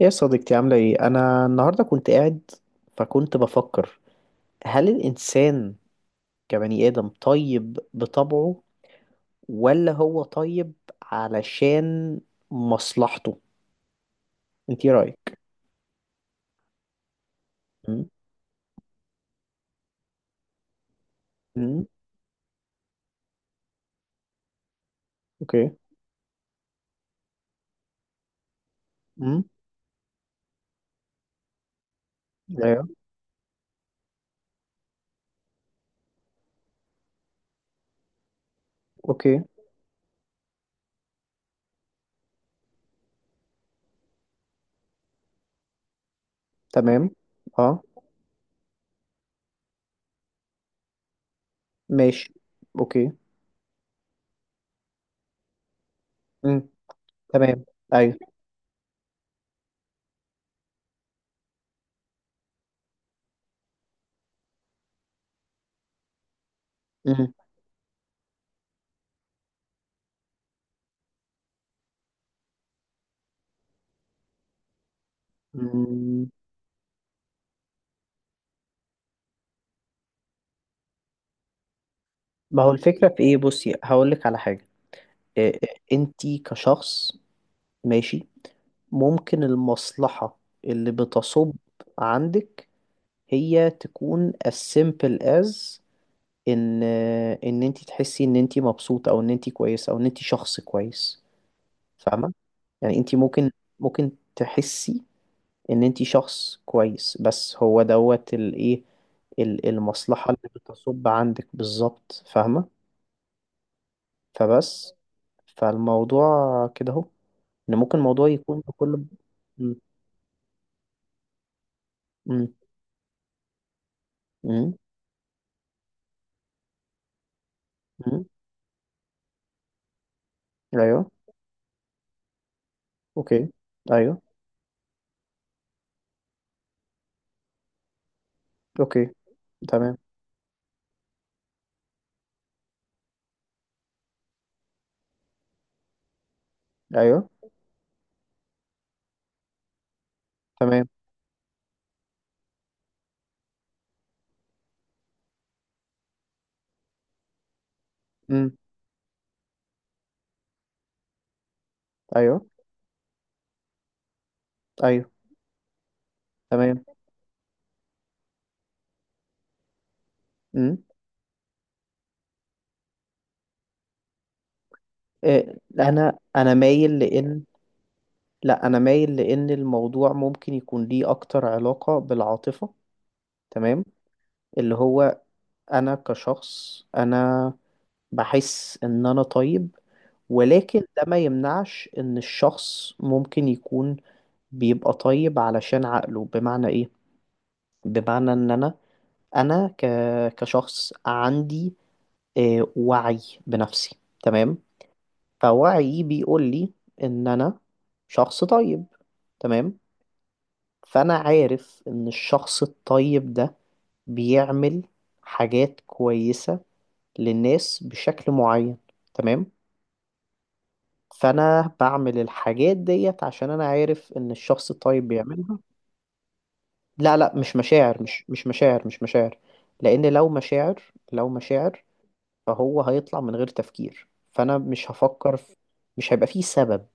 يا صديقتي، عاملة ايه؟ أنا النهاردة كنت قاعد، فكنت بفكر، هل الإنسان كبني آدم طيب بطبعه، ولا هو طيب علشان مصلحته؟ انت ايه رأيك؟ مم. مم. اوكي. مم. ايوه. اوكي. تمام. اه. ماشي. اوكي. مم. تمام. ايوه. مم. مم. ما هو الفكرة في ايه؟ بصي، هقولك على حاجة. إيه، انت كشخص، ماشي، ممكن المصلحة اللي بتصب عندك هي تكون as simple as ان ان انت تحسي ان انت مبسوطة، او ان انت كويسة، او ان انت شخص كويس. فاهمة؟ يعني انت ممكن تحسي ان انت شخص كويس، بس هو دوت الايه، المصلحة اللي بتصب عندك بالظبط. فاهمة؟ فبس، فالموضوع كده اهو، ان ممكن الموضوع يكون بكل م- م- م- م- ايوه. اوكي. ايوه. اوكي. تمام. ايوه. تمام. امم. ايوه. ايوه. تمام. امم. انا مايل لان، لا، انا مايل لان الموضوع ممكن يكون ليه اكتر علاقة بالعاطفة. تمام. اللي هو انا كشخص، انا بحس ان انا طيب، ولكن ده ما يمنعش ان الشخص ممكن يكون بيبقى طيب علشان عقله. بمعنى ايه؟ بمعنى ان انا كشخص عندي وعي بنفسي. تمام. فوعيي بيقول لي ان انا شخص طيب. تمام. فانا عارف ان الشخص الطيب ده بيعمل حاجات كويسة للناس بشكل معين. تمام. فانا بعمل الحاجات ديت عشان انا عارف ان الشخص الطيب بيعملها. لا، لا، مش مشاعر، مش مشاعر، مش مشاعر، لان لو مشاعر فهو هيطلع من غير تفكير، فانا مش هفكر في. مش هيبقى فيه سبب.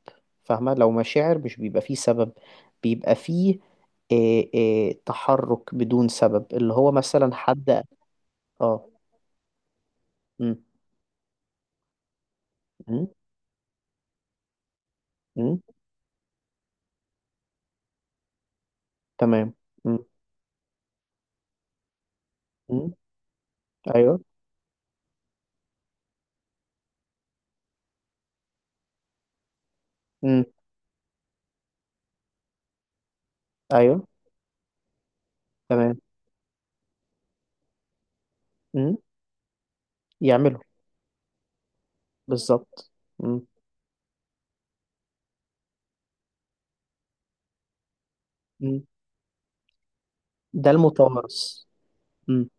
فاهمة؟ لو مشاعر مش بيبقى فيه سبب، بيبقى فيه إيه تحرك بدون سبب، اللي هو مثلا حد. اه. أم، أم، أم. تمام. أم. أم. ايوه. أم. ايوه. تمام. أم، يعمله. بالظبط. أم. أم، ده المتوارث. أم.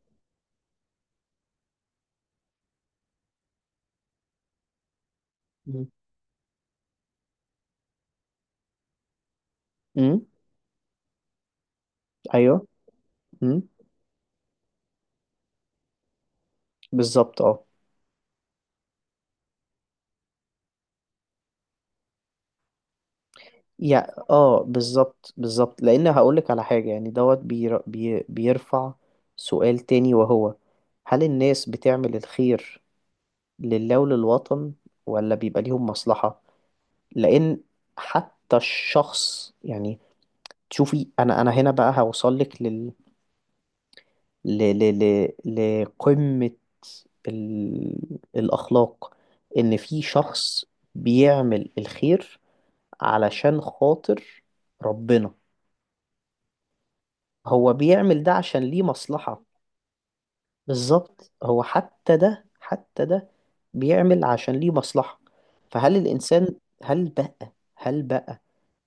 أم. أم. ايوه. أم. بالظبط. اه. يعني اه بالظبط، بالظبط، لان هقولك على حاجة يعني دوت بيرفع سؤال تاني، وهو هل الناس بتعمل الخير لله وللوطن، ولا بيبقى ليهم مصلحة؟ لان حتى الشخص، يعني تشوفي، انا هنا بقى هوصلك لل ل... ل... لقمة، الاخلاق. ان في شخص بيعمل الخير علشان خاطر ربنا، هو بيعمل ده عشان ليه مصلحة. بالظبط، هو حتى ده، حتى ده بيعمل عشان ليه مصلحة. فهل الإنسان، هل بقى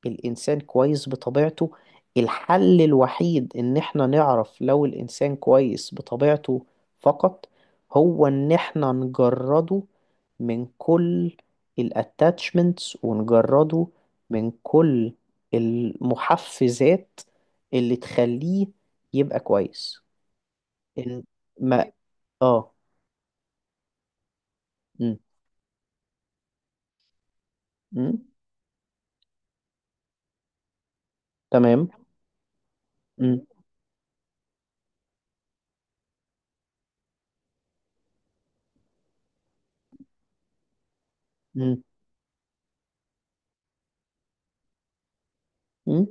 الإنسان كويس بطبيعته؟ الحل الوحيد إن إحنا نعرف لو الإنسان كويس بطبيعته فقط، هو إن إحنا نجرده من كل الاتاتشمنتس، ونجرده من كل المحفزات اللي تخليه يبقى كويس. إن ما آه م. م. تمام. م. م. م.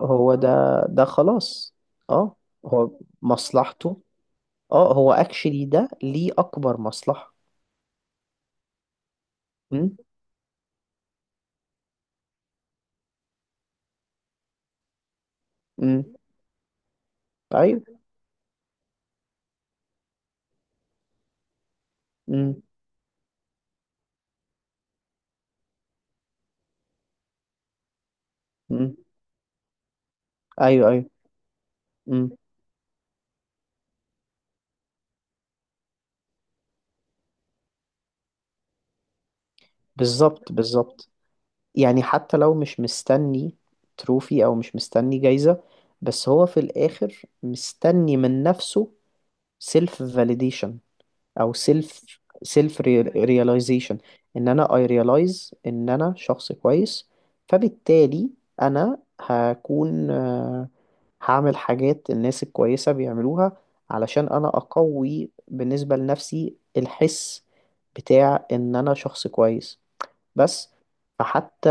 هو ده. ده خلاص. آه. هو مصلحته. اه هو اكشلي ده ليه اكبر مصلحة. امم. امم. ايوه. امم. امم. ايوه. ايوه. امم. بالظبط، بالظبط. يعني حتى لو مش مستني تروفي او مش مستني جايزة، بس هو في الاخر مستني من نفسه سيلف validation، او سيلف رياليزيشن. ان انا اي ريلايز ان انا شخص كويس، فبالتالي انا هكون هعمل حاجات الناس الكويسة بيعملوها علشان انا اقوي بالنسبة لنفسي الحس بتاع ان انا شخص كويس بس. فحتى،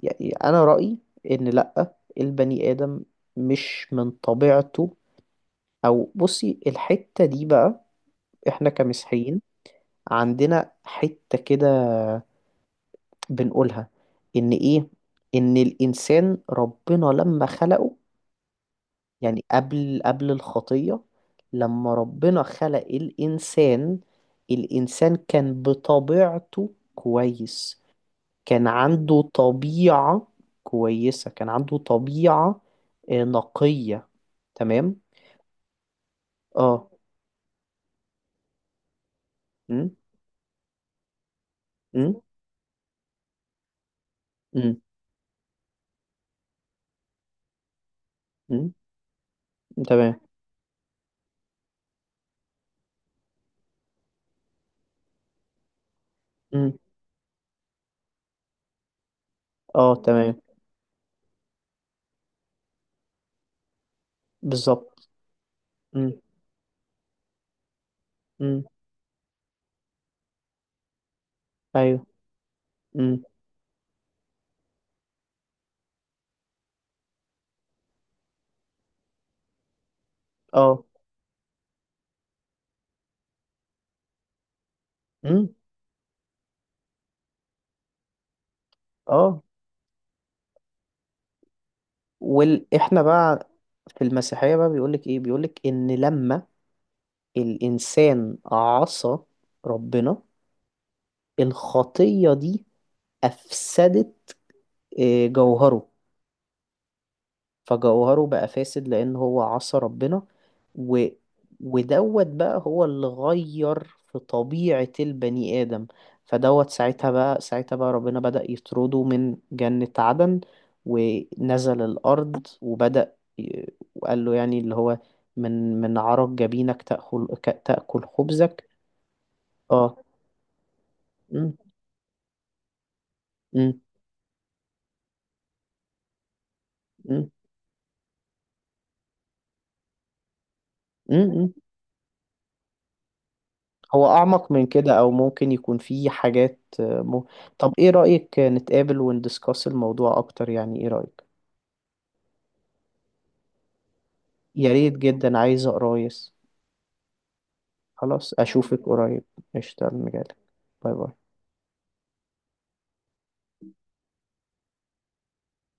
يعني انا رأيي ان لأ، البني آدم مش من طبيعته. او بصي، الحتة دي بقى احنا كمسيحيين عندنا حتة كده بنقولها. إن إيه، إن الإنسان ربنا لما خلقه، يعني قبل الخطية، لما ربنا خلق الإنسان، الإنسان كان بطبيعته كويس. كان عنده طبيعة كويسة، كان عنده طبيعة نقية. تمام. اه. م؟ م؟ م؟ م؟ تمام. م؟ اه تمام. بالظبط. م؟ م؟ ايوه. اه. امم. اه. احنا بقى في المسيحية بقى بيقولك ايه؟ بيقولك ان لما الانسان عصى ربنا، الخطية دي افسدت جوهره. فجوهره بقى فاسد لأن هو عصى ربنا و. ودوت بقى هو اللي غير في طبيعة البني آدم. فدوت ساعتها بقى، ربنا بدأ يطرده من جنة عدن، ونزل الأرض، وبدأ وقال له يعني اللي هو من عرق جبينك تأكل تأكل خبزك. اه. م- م- م- م- م- هو أعمق من كده، أو ممكن يكون فيه حاجات م. طب إيه رأيك نتقابل وندسكاس الموضوع أكتر؟ يعني إيه رأيك؟ يا ريت، جدا عايز أقرايس. خلاص، أشوفك قريب. قشطة أنا جايلك. باي باي.